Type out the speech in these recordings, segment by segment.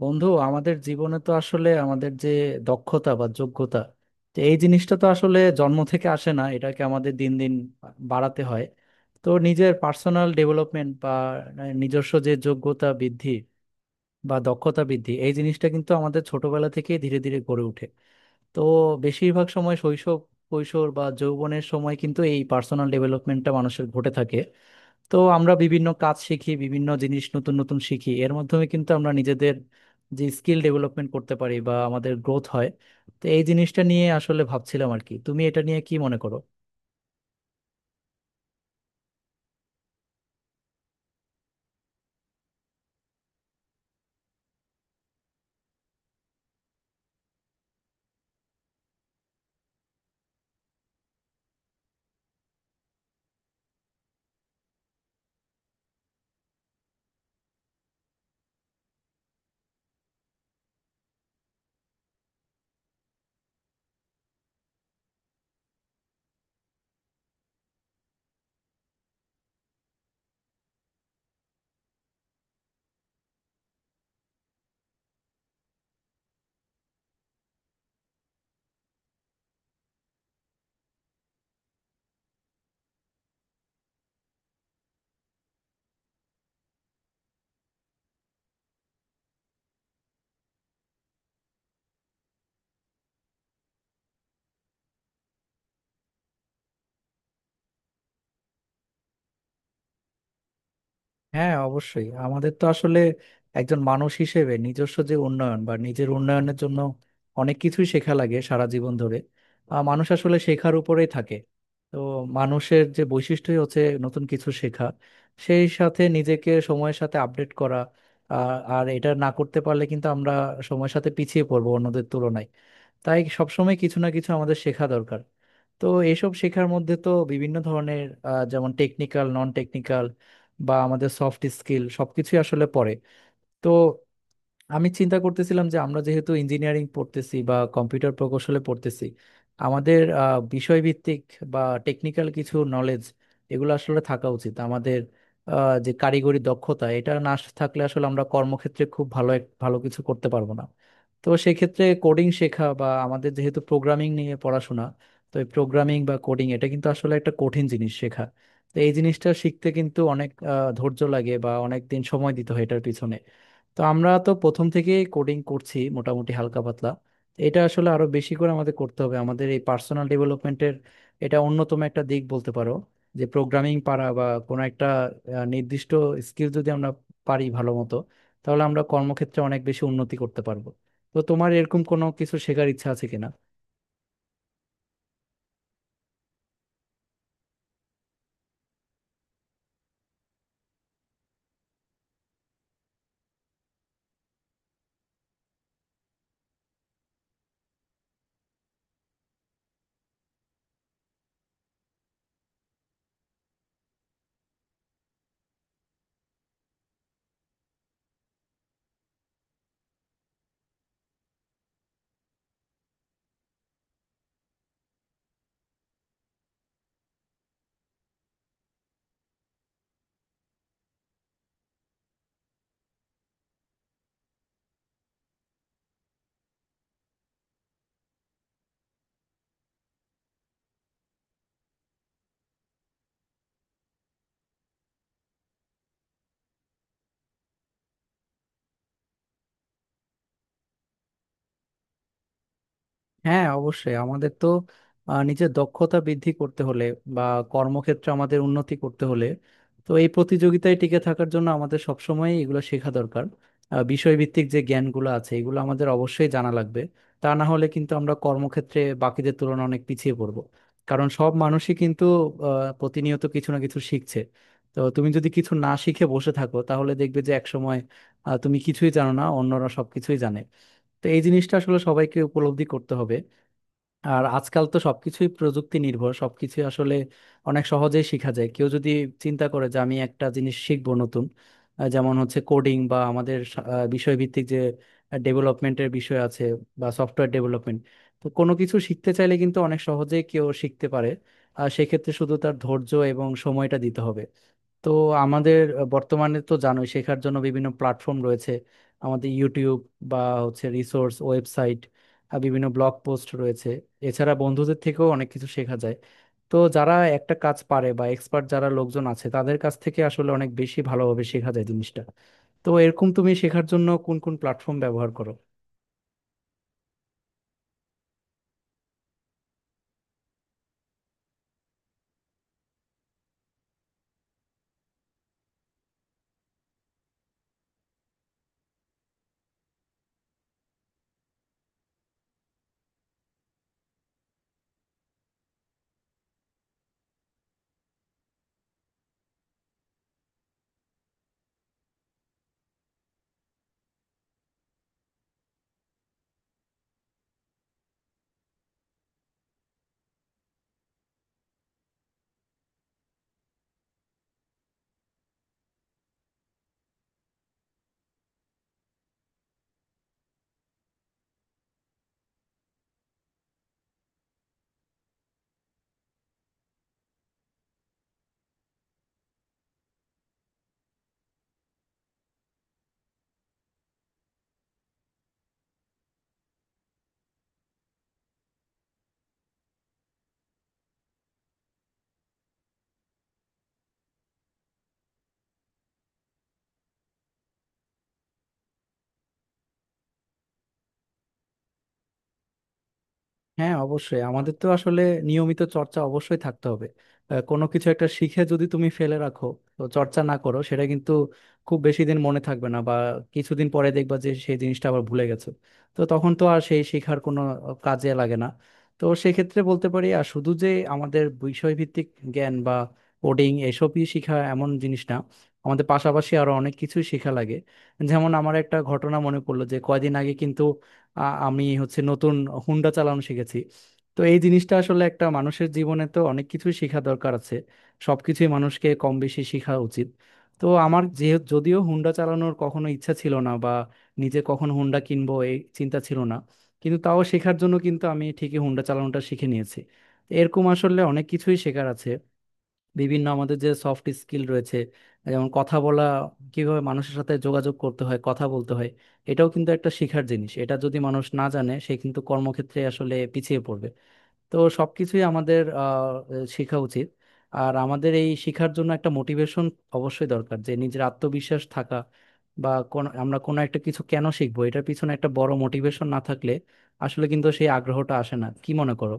বন্ধু আমাদের জীবনে তো আসলে আমাদের যে দক্ষতা বা যোগ্যতা, তো এই জিনিসটা তো আসলে জন্ম থেকে আসে না, এটাকে আমাদের দিন দিন বাড়াতে হয়। তো নিজের পার্সোনাল ডেভেলপমেন্ট বা নিজস্ব যে যোগ্যতা বৃদ্ধি বা দক্ষতা বৃদ্ধি, এই জিনিসটা কিন্তু আমাদের ছোটবেলা থেকেই ধীরে ধীরে গড়ে ওঠে। তো বেশিরভাগ সময় শৈশব, কৈশোর বা যৌবনের সময় কিন্তু এই পার্সোনাল ডেভেলপমেন্টটা মানুষের ঘটে থাকে। তো আমরা বিভিন্ন কাজ শিখি, বিভিন্ন জিনিস নতুন নতুন শিখি, এর মাধ্যমে কিন্তু আমরা নিজেদের যে স্কিল ডেভেলপমেন্ট করতে পারি বা আমাদের গ্রোথ হয়। তো এই জিনিসটা নিয়ে আসলে ভাবছিলাম আর কি, তুমি এটা নিয়ে কি মনে করো? হ্যাঁ, অবশ্যই আমাদের তো আসলে একজন মানুষ হিসেবে নিজস্ব যে উন্নয়ন বা নিজের উন্নয়নের জন্য অনেক কিছুই শেখা লাগে সারা জীবন ধরে। মানুষ আসলে শেখার উপরেই থাকে। তো মানুষের যে বৈশিষ্ট্যই হচ্ছে নতুন কিছু শেখা, সেই সাথে নিজেকে সময়ের সাথে আপডেট করা। আর আর এটা না করতে পারলে কিন্তু আমরা সময়ের সাথে পিছিয়ে পড়বো অন্যদের তুলনায়। তাই সবসময় কিছু না কিছু আমাদের শেখা দরকার। তো এইসব শেখার মধ্যে তো বিভিন্ন ধরনের যেমন টেকনিক্যাল, নন টেকনিক্যাল বা আমাদের সফট স্কিল সবকিছুই আসলে পড়ে। তো আমি চিন্তা করতেছিলাম যে আমরা যেহেতু ইঞ্জিনিয়ারিং পড়তেছি বা কম্পিউটার প্রকৌশলে পড়তেছি, আমাদের বিষয়ভিত্তিক বা টেকনিক্যাল কিছু নলেজ, এগুলো আসলে থাকা উচিত আমাদের। যে কারিগরি দক্ষতা, এটা না থাকলে আসলে আমরা কর্মক্ষেত্রে খুব ভালো ভালো কিছু করতে পারবো না। তো সেক্ষেত্রে কোডিং শেখা, বা আমাদের যেহেতু প্রোগ্রামিং নিয়ে পড়াশোনা, তো এই প্রোগ্রামিং বা কোডিং এটা কিন্তু আসলে একটা কঠিন জিনিস শেখা। তো এই জিনিসটা শিখতে কিন্তু অনেক ধৈর্য লাগে বা অনেক দিন সময় দিতে হয় এটার পিছনে। তো আমরা তো প্রথম থেকে কোডিং করছি মোটামুটি হালকা পাতলা, তো এটা আসলে আরো বেশি করে আমাদের করতে হবে। আমাদের এই পার্সোনাল ডেভেলপমেন্টের এটা অন্যতম একটা দিক বলতে পারো, যে প্রোগ্রামিং পারা বা কোনো একটা নির্দিষ্ট স্কিল যদি আমরা পারি ভালো মতো, তাহলে আমরা কর্মক্ষেত্রে অনেক বেশি উন্নতি করতে পারবো। তো তোমার এরকম কোনো কিছু শেখার ইচ্ছা আছে কিনা? হ্যাঁ, অবশ্যই আমাদের তো নিজের দক্ষতা বৃদ্ধি করতে হলে বা কর্মক্ষেত্রে আমাদের উন্নতি করতে হলে, তো এই প্রতিযোগিতায় টিকে থাকার জন্য আমাদের সবসময় এগুলো শেখা দরকার। বিষয়ভিত্তিক যে জ্ঞানগুলো আছে, এগুলো আমাদের অবশ্যই জানা লাগবে। তা না হলে কিন্তু আমরা কর্মক্ষেত্রে বাকিদের তুলনায় অনেক পিছিয়ে পড়বো। কারণ সব মানুষই কিন্তু আহ, প্রতিনিয়ত কিছু না কিছু শিখছে। তো তুমি যদি কিছু না শিখে বসে থাকো, তাহলে দেখবে যে একসময় তুমি কিছুই জানো না, অন্যরা সবকিছুই জানে। তো এই জিনিসটা আসলে সবাইকে উপলব্ধি করতে হবে। আর আজকাল তো সবকিছুই প্রযুক্তি নির্ভর, সবকিছুই আসলে অনেক সহজেই শেখা যায়। কেউ যদি চিন্তা করে যে আমি একটা জিনিস শিখবো নতুন, যেমন হচ্ছে কোডিং বা আমাদের বিষয়ভিত্তিক যে ডেভেলপমেন্টের বিষয় আছে বা সফটওয়্যার ডেভেলপমেন্ট, তো কোনো কিছু শিখতে চাইলে কিন্তু অনেক সহজেই কেউ শিখতে পারে। আর সেক্ষেত্রে শুধু তার ধৈর্য এবং সময়টা দিতে হবে। তো আমাদের বর্তমানে তো জানোই শেখার জন্য বিভিন্ন প্ল্যাটফর্ম রয়েছে। আমাদের ইউটিউব বা হচ্ছে রিসোর্স ওয়েবসাইট, আর বিভিন্ন ব্লগ পোস্ট রয়েছে। এছাড়া বন্ধুদের থেকেও অনেক কিছু শেখা যায়। তো যারা একটা কাজ পারে বা এক্সপার্ট যারা লোকজন আছে, তাদের কাছ থেকে আসলে অনেক বেশি ভালোভাবে শেখা যায় জিনিসটা। তো এরকম তুমি শেখার জন্য কোন কোন প্ল্যাটফর্ম ব্যবহার করো? হ্যাঁ, অবশ্যই আমাদের তো আসলে নিয়মিত চর্চা অবশ্যই থাকতে হবে। কোনো কিছু একটা শিখে যদি তুমি ফেলে রাখো, তো চর্চা না করো, সেটা কিন্তু খুব বেশি দিন মনে থাকবে না, বা কিছুদিন পরে দেখবা যে সেই জিনিসটা আবার ভুলে গেছো। তো তখন তো আর সেই শেখার কোনো কাজে লাগে না। তো সেক্ষেত্রে বলতে পারি আর শুধু যে আমাদের বিষয়ভিত্তিক জ্ঞান বা কোডিং, এসবই শেখা এমন জিনিস না, আমাদের পাশাপাশি আরো অনেক কিছুই শেখা লাগে। যেমন আমার একটা ঘটনা মনে পড়লো, যে কয়দিন আগে কিন্তু আমি হচ্ছে নতুন হুন্ডা চালানো শিখেছি। তো এই জিনিসটা আসলে একটা মানুষের জীবনে তো অনেক কিছুই শেখা দরকার আছে, সব কিছুই মানুষকে কম বেশি শেখা উচিত। তো আমার যে যদিও হুন্ডা চালানোর কখনো ইচ্ছা ছিল না, বা নিজে কখন হুন্ডা কিনবো এই চিন্তা ছিল না, কিন্তু তাও শেখার জন্য কিন্তু আমি ঠিকই হুন্ডা চালানোটা শিখে নিয়েছি। এরকম আসলে অনেক কিছুই শেখার আছে। বিভিন্ন আমাদের যে সফট স্কিল রয়েছে, যেমন কথা বলা, কিভাবে মানুষের সাথে যোগাযোগ করতে হয়, কথা বলতে হয়, এটাও কিন্তু একটা শেখার জিনিস। এটা যদি মানুষ না জানে, সে কিন্তু কর্মক্ষেত্রে আসলে পিছিয়ে পড়বে। তো সবকিছুই আমাদের শেখা উচিত। আর আমাদের এই শেখার জন্য একটা মোটিভেশন অবশ্যই দরকার, যে নিজের আত্মবিশ্বাস থাকা, বা কোন আমরা কোনো একটা কিছু কেন শিখবো, এটার পিছনে একটা বড় মোটিভেশন না থাকলে আসলে কিন্তু সেই আগ্রহটা আসে না। কি মনে করো?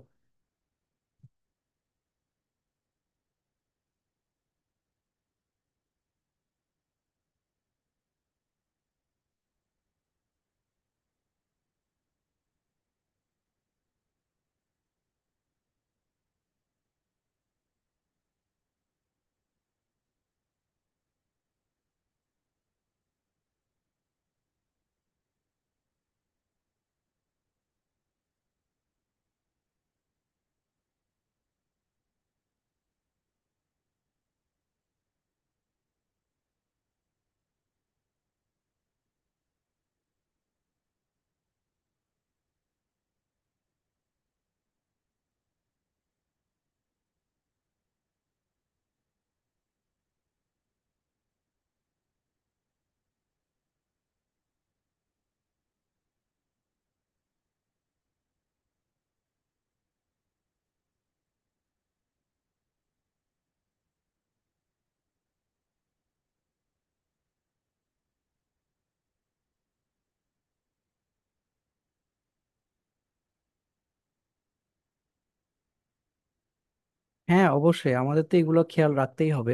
হ্যাঁ, অবশ্যই আমাদের তো এগুলো খেয়াল রাখতেই হবে।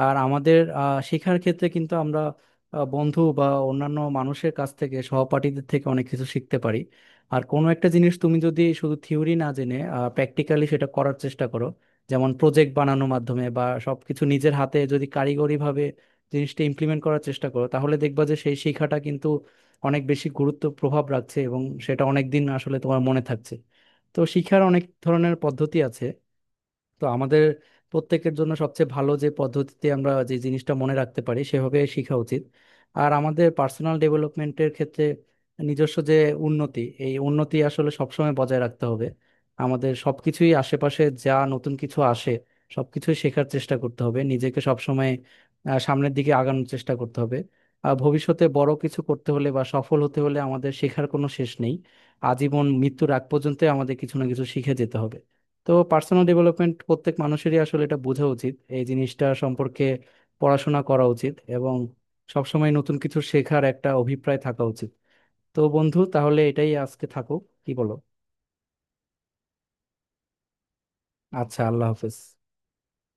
আর আমাদের শেখার ক্ষেত্রে কিন্তু আমরা বন্ধু বা অন্যান্য মানুষের কাছ থেকে, সহপাঠীদের থেকে অনেক কিছু শিখতে পারি। আর কোনো একটা জিনিস তুমি যদি শুধু থিওরি না জেনে প্র্যাকটিক্যালি সেটা করার চেষ্টা করো, যেমন প্রজেক্ট বানানোর মাধ্যমে, বা সবকিছু নিজের হাতে যদি কারিগরিভাবে জিনিসটা ইমপ্লিমেন্ট করার চেষ্টা করো, তাহলে দেখবা যে সেই শিক্ষাটা কিন্তু অনেক বেশি গুরুত্ব প্রভাব রাখছে, এবং সেটা অনেক দিন আসলে তোমার মনে থাকছে। তো শিক্ষার অনেক ধরনের পদ্ধতি আছে। তো আমাদের প্রত্যেকের জন্য সবচেয়ে ভালো যে পদ্ধতিতে আমরা যে জিনিসটা মনে রাখতে পারি, সেভাবে শেখা উচিত। আর আমাদের পার্সোনাল ডেভেলপমেন্টের ক্ষেত্রে নিজস্ব যে উন্নতি, এই উন্নতি আসলে সবসময় বজায় রাখতে হবে। আমাদের সবকিছুই, আশেপাশে যা নতুন কিছু আসে সবকিছুই শেখার চেষ্টা করতে হবে, নিজেকে সবসময় সামনের দিকে আগানোর চেষ্টা করতে হবে। আর ভবিষ্যতে বড় কিছু করতে হলে বা সফল হতে হলে আমাদের শেখার কোনো শেষ নেই। আজীবন মৃত্যুর আগ পর্যন্ত আমাদের কিছু না কিছু শিখে যেতে হবে। তো পার্সোনাল ডেভেলপমেন্ট প্রত্যেক মানুষেরই আসলে এটা বোঝা উচিত, এই জিনিসটা সম্পর্কে পড়াশোনা করা উচিত, এবং সবসময় নতুন কিছু শেখার একটা অভিপ্রায় থাকা উচিত। তো বন্ধু, তাহলে এটাই আজকে থাকুক, কি বলো? আচ্ছা, আল্লাহ হাফেজ।